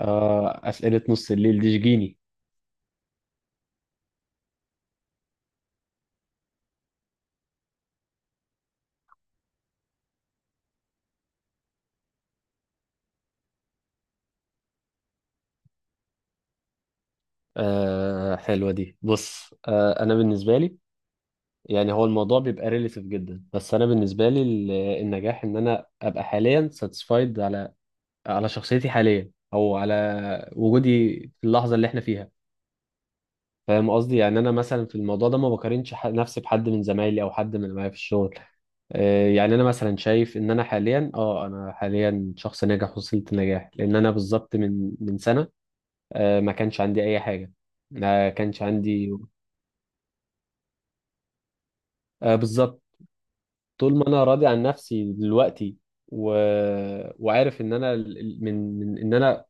آه، أسئلة نص الليل دي شجيني. آه حلوة دي. بص، آه أنا بالنسبة لي يعني هو الموضوع بيبقى ريليتيف جدا، بس أنا بالنسبة لي النجاح إن أنا أبقى حاليا ساتسفايد على على شخصيتي حاليا أو على وجودي في اللحظة اللي إحنا فيها. فاهم قصدي؟ يعني أنا مثلا في الموضوع ده ما بقارنش نفسي بحد من زمايلي أو حد من اللي معايا في الشغل. آه، يعني انا مثلا شايف ان انا حاليا، انا حاليا شخص ناجح، وصلت نجاح لان انا بالظبط من سنه آه، ما كانش عندي اي حاجه، ما كانش عندي. آه، بالظبط. طول ما انا راضي عن نفسي دلوقتي و... وعارف ان انا من ان انا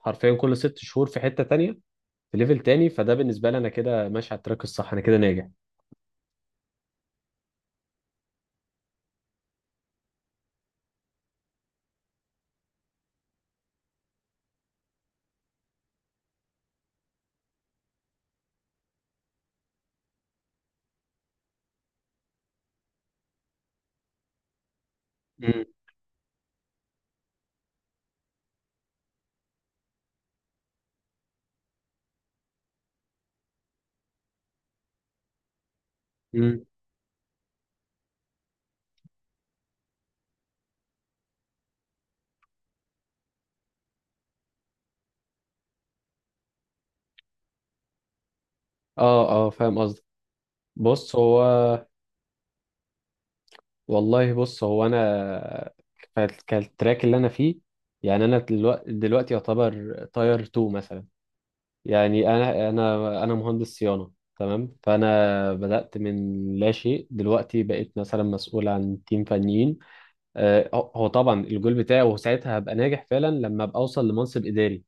حرفيا كل ست شهور في حته تانية، في ليفل تاني، فده بالنسبه لي انا كده ماشي على التراك الصح، انا كده ناجح. مم. مم. اه اه، فاهم قصدك. بص، هو والله بص، هو انا كالتراك اللي انا فيه، يعني انا دلوقتي يعتبر تاير 2 مثلا. يعني انا مهندس صيانه، تمام، فانا بدات من لا شيء، دلوقتي بقيت مثلا مسؤول عن تيم فنيين. آه، هو طبعا الجول بتاعي، وساعتها هبقى ناجح فعلا لما ابقى اوصل لمنصب اداري.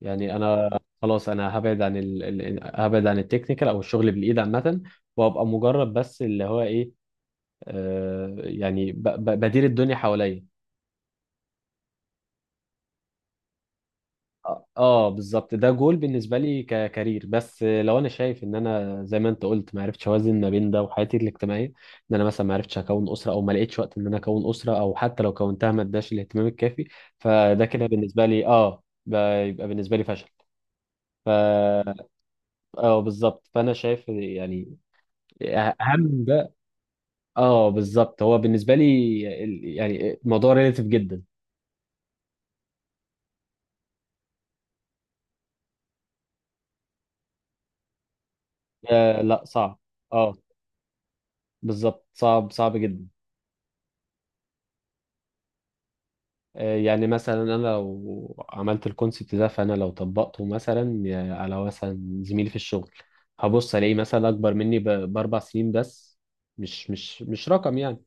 يعني انا خلاص انا هبعد عن هبعد عن التكنيكال او الشغل بالايد عامه، وابقى مجرد بس اللي هو ايه، آه، يعني بدير الدنيا حواليا. اه آه، بالظبط، ده جول بالنسبه لي ككارير، بس لو انا شايف ان انا زي ما انت قلت ما عرفتش اوازن ما بين ده وحياتي الاجتماعيه، ان انا مثلا ما عرفتش اكون اسره او ما لقيتش وقت ان انا اكون اسره، او حتى لو كونتها ما اداش الاهتمام الكافي، فده كده بالنسبه لي يبقى بالنسبه لي فشل. ف اه بالظبط، فانا شايف يعني اهم بقى، اه بالظبط، هو بالنسبه لي يعني الموضوع ريليتيف جدا. آه لا، صعب. اه بالظبط، صعب جدا. آه، يعني مثلا انا لو عملت الكونسبت ده، فانا لو طبقته مثلا آه، على مثلا زميلي في الشغل، هبص الاقيه مثلا اكبر مني باربع سنين بس، مش رقم يعني.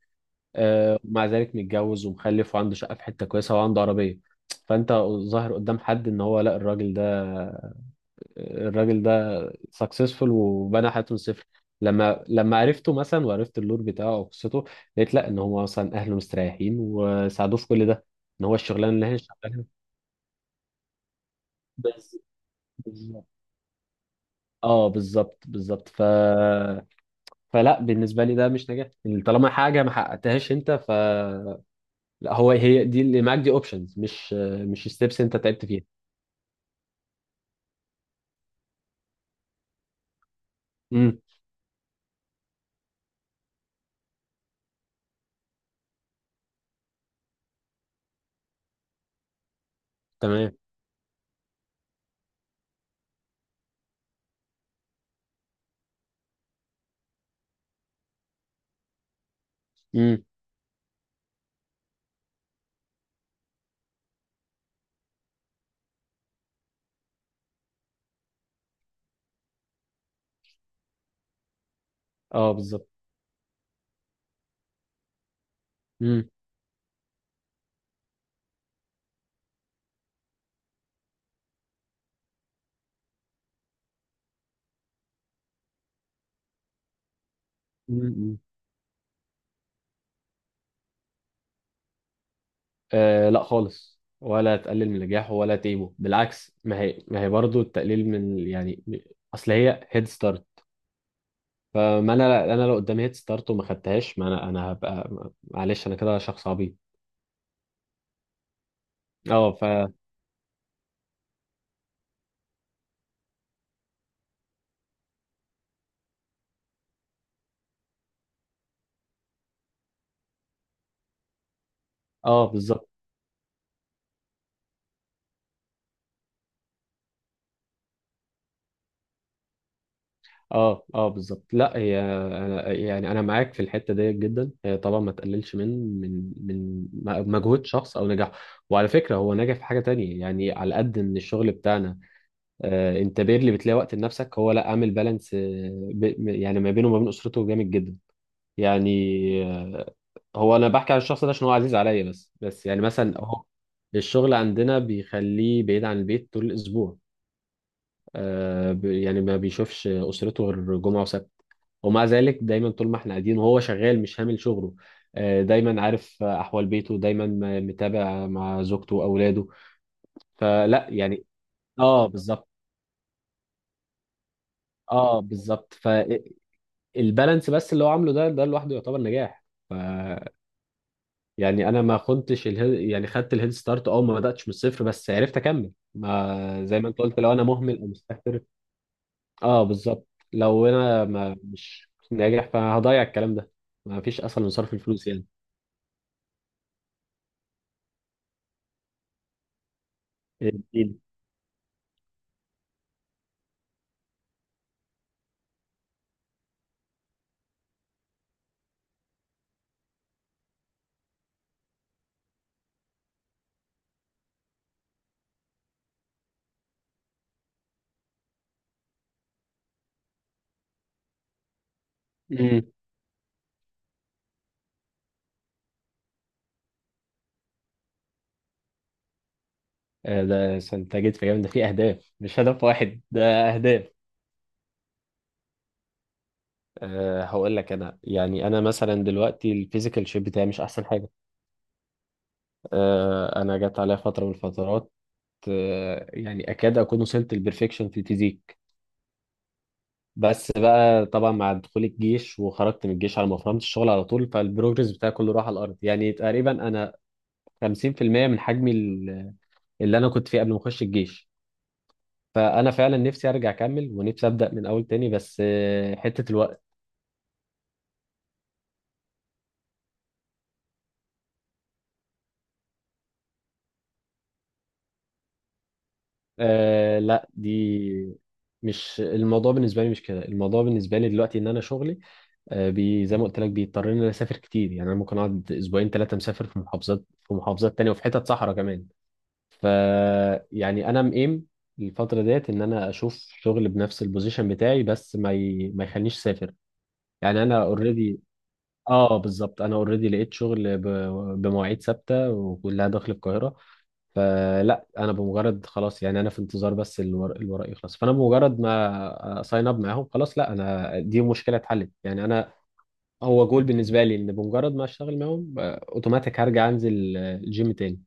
آه، مع ذلك متجوز ومخلف وعنده شقه في حته كويسه وعنده عربيه، فانت ظاهر قدام حد ان هو لا، الراجل ده سكسسفول وبنى حياته من الصفر. لما عرفته مثلا وعرفت اللور بتاعه او قصته، لقيت لا، ان هو مثلا اهله مستريحين وساعدوه في كل ده، ان هو الشغلانه اللي هي شغالها. بز... بالظبط، اه بالظبط ف. فلا بالنسبه لي ده مش نجاح، يعني طالما حاجه ما حققتهاش انت ف، لا، هو هي دي اللي معاك دي اوبشنز، مش ستيبس انت تعبت فيها. امم. تمام. امم. اه بالظبط. امم. امم. امم. آه لا خالص، ولا تقلل من نجاحه ولا تيبه، بالعكس، ما هي برضه التقليل من يعني، اصل هي هيد ستارت. فما انا لو قدامي هيد ستارت وما خدتهاش، ما انا هبقى، معلش انا كده شخص عبيط. اه ف، اه بالظبط، اه اه بالظبط. لا هي أنا يعني انا معاك في الحته ديت جدا، هي طبعا ما تقللش من مجهود شخص او نجاحه. وعلى فكره هو نجح في حاجه تانية، يعني على قد ان الشغل بتاعنا آه، انت بيرلي بتلاقي وقت لنفسك، هو لا عامل بالانس، آه، يعني ما بينه وما بين اسرته جامد جدا. يعني آه، هو انا بحكي على الشخص ده عشان هو عزيز عليا، بس يعني مثلا هو الشغل عندنا بيخليه بعيد عن البيت طول الاسبوع، آه، يعني ما بيشوفش اسرته غير جمعه وسبت، ومع ذلك دايما طول ما احنا قاعدين وهو شغال مش هامل شغله، آه، دايما عارف احوال بيته، دايما متابع مع زوجته واولاده. فلا يعني اه بالظبط، اه بالظبط. البالانس بس اللي هو عامله ده، ده لوحده يعتبر نجاح. ف يعني انا ما كنتش الهيد، يعني خدت الهيد ستارت، اه ما بداتش من الصفر، بس عرفت اكمل، ما زي ما انت قلت، لو انا مهمل او مستهتر، اه بالظبط، لو انا ما مش ناجح فهضيع الكلام ده. ما فيش اسهل من صرف الفلوس يعني. الدين. امم. آه، ده انت جيت في جامد، ده في اهداف مش هدف واحد ده، اهداف. أه هقول لك، انا يعني انا مثلا دلوقتي الفيزيكال شيب بتاعي مش احسن حاجه. أه انا جت عليا فتره من الفترات آه، يعني اكاد اكون وصلت للبرفكشن في الفيزيك، بس بقى طبعا مع دخول الجيش، وخرجت من الجيش على ما فهمت الشغل على طول، فالبروجرس بتاعي كله راح على الارض، يعني تقريبا انا 50% من حجمي اللي انا كنت فيه قبل ما اخش الجيش. فانا فعلا نفسي ارجع اكمل، ونفسي ابدا من اول تاني، بس آه، حته الوقت. آه لا دي، مش الموضوع بالنسبه لي مش كده، الموضوع بالنسبه لي دلوقتي ان انا شغلي آه، زي ما قلت لك بيضطرني اني اسافر كتير، يعني انا ممكن اقعد اسبوعين ثلاثه مسافر في محافظات، في محافظات تانية، وفي حتت صحراء كمان. ف يعني انا مقيم الفتره ديت ان انا اشوف شغل بنفس البوزيشن بتاعي بس ما يخلينيش اسافر، يعني انا اوريدي. اه بالظبط، انا اوريدي لقيت شغل بمواعيد ثابته وكلها داخل القاهره. فلا انا بمجرد خلاص، يعني انا في انتظار بس الورق، يخلص، فانا بمجرد ما ساين اب معاهم خلاص، لا انا دي مشكله اتحلت يعني انا، هو جول بالنسبه لي ان بمجرد ما اشتغل معاهم آه، اوتوماتيك هرجع انزل آه، الجيم تاني.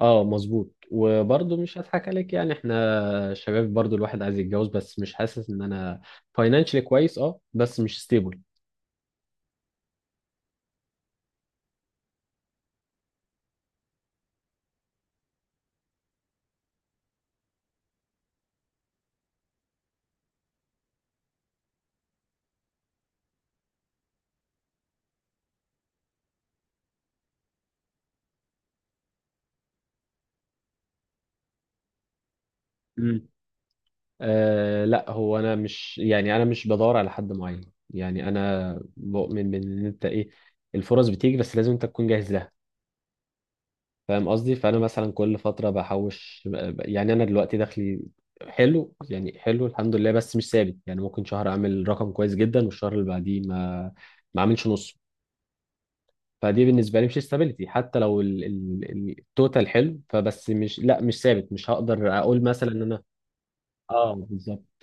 اه مظبوط، وبرضه مش هضحك عليك، يعني احنا شباب برضه، الواحد عايز يتجوز، بس مش حاسس ان انا فاينانشلي كويس، اه بس مش ستيبل. مم. آه لا، هو انا مش، يعني انا مش بدور على حد معين، يعني انا بؤمن بان انت ايه، الفرص بتيجي بس لازم انت تكون جاهز لها. فاهم قصدي؟ فانا مثلا كل فتره بحوش، يعني انا دلوقتي دخلي حلو، يعني حلو الحمد لله، بس مش ثابت، يعني ممكن شهر اعمل رقم كويس جدا، والشهر اللي بعديه ما اعملش نص. فدي بالنسبه لي مش استابيليتي، حتى لو التوتال حلو، فبس مش، لا مش ثابت، مش هقدر اقول مثلا ان انا اه بالظبط،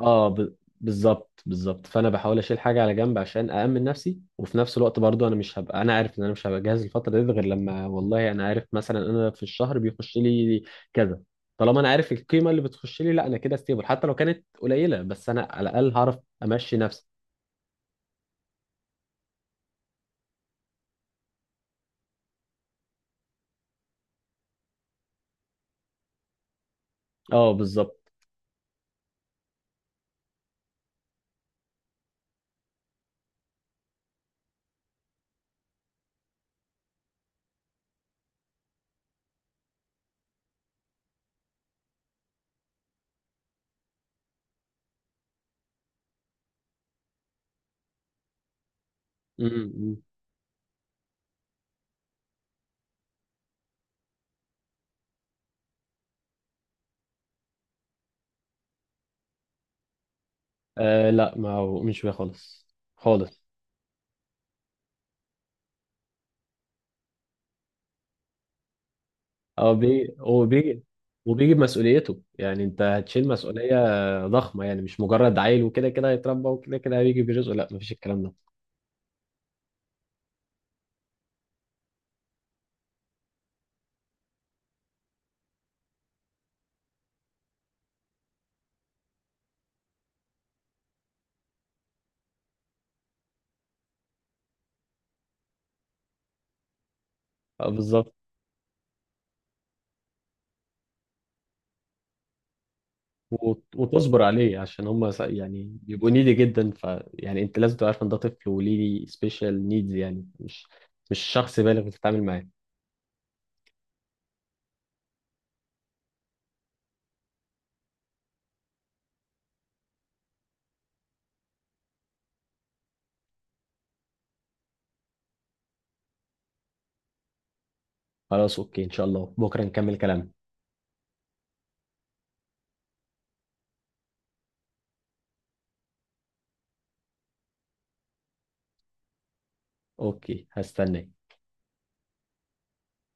اه بالظبط فانا بحاول اشيل حاجه على جنب عشان اامن نفسي، وفي نفس الوقت برضو انا مش هبقى، انا عارف ان انا مش هبقى جاهز الفتره دي غير لما، والله انا عارف مثلا انا في الشهر بيخش لي كذا، طالما انا عارف القيمه اللي بتخش لي، لا انا كده ستيبل، حتى لو كانت قليله بس انا على الاقل هعرف امشي نفسي. اه بالظبط. م. آه لا ما هو مش بيه خالص، خالص. اه بيجي، وبيجي بمسؤوليته، يعني انت هتشيل مسؤولية ضخمة، يعني مش مجرد عيل وكده كده هيتربى وكده كده هيجي برزقه، لا، مفيش الكلام ده. اه بالظبط. وتصبر عليه، عشان هم يعني بيبقوا نيدي جدا، ف يعني انت لازم تبقى عارف ان ده طفل وليه سبيشال نيدز، يعني مش شخص بالغ بتتعامل معاه. خلاص اوكي، ان شاء الله بكرة نكمل كلامنا. اوكي هستناك.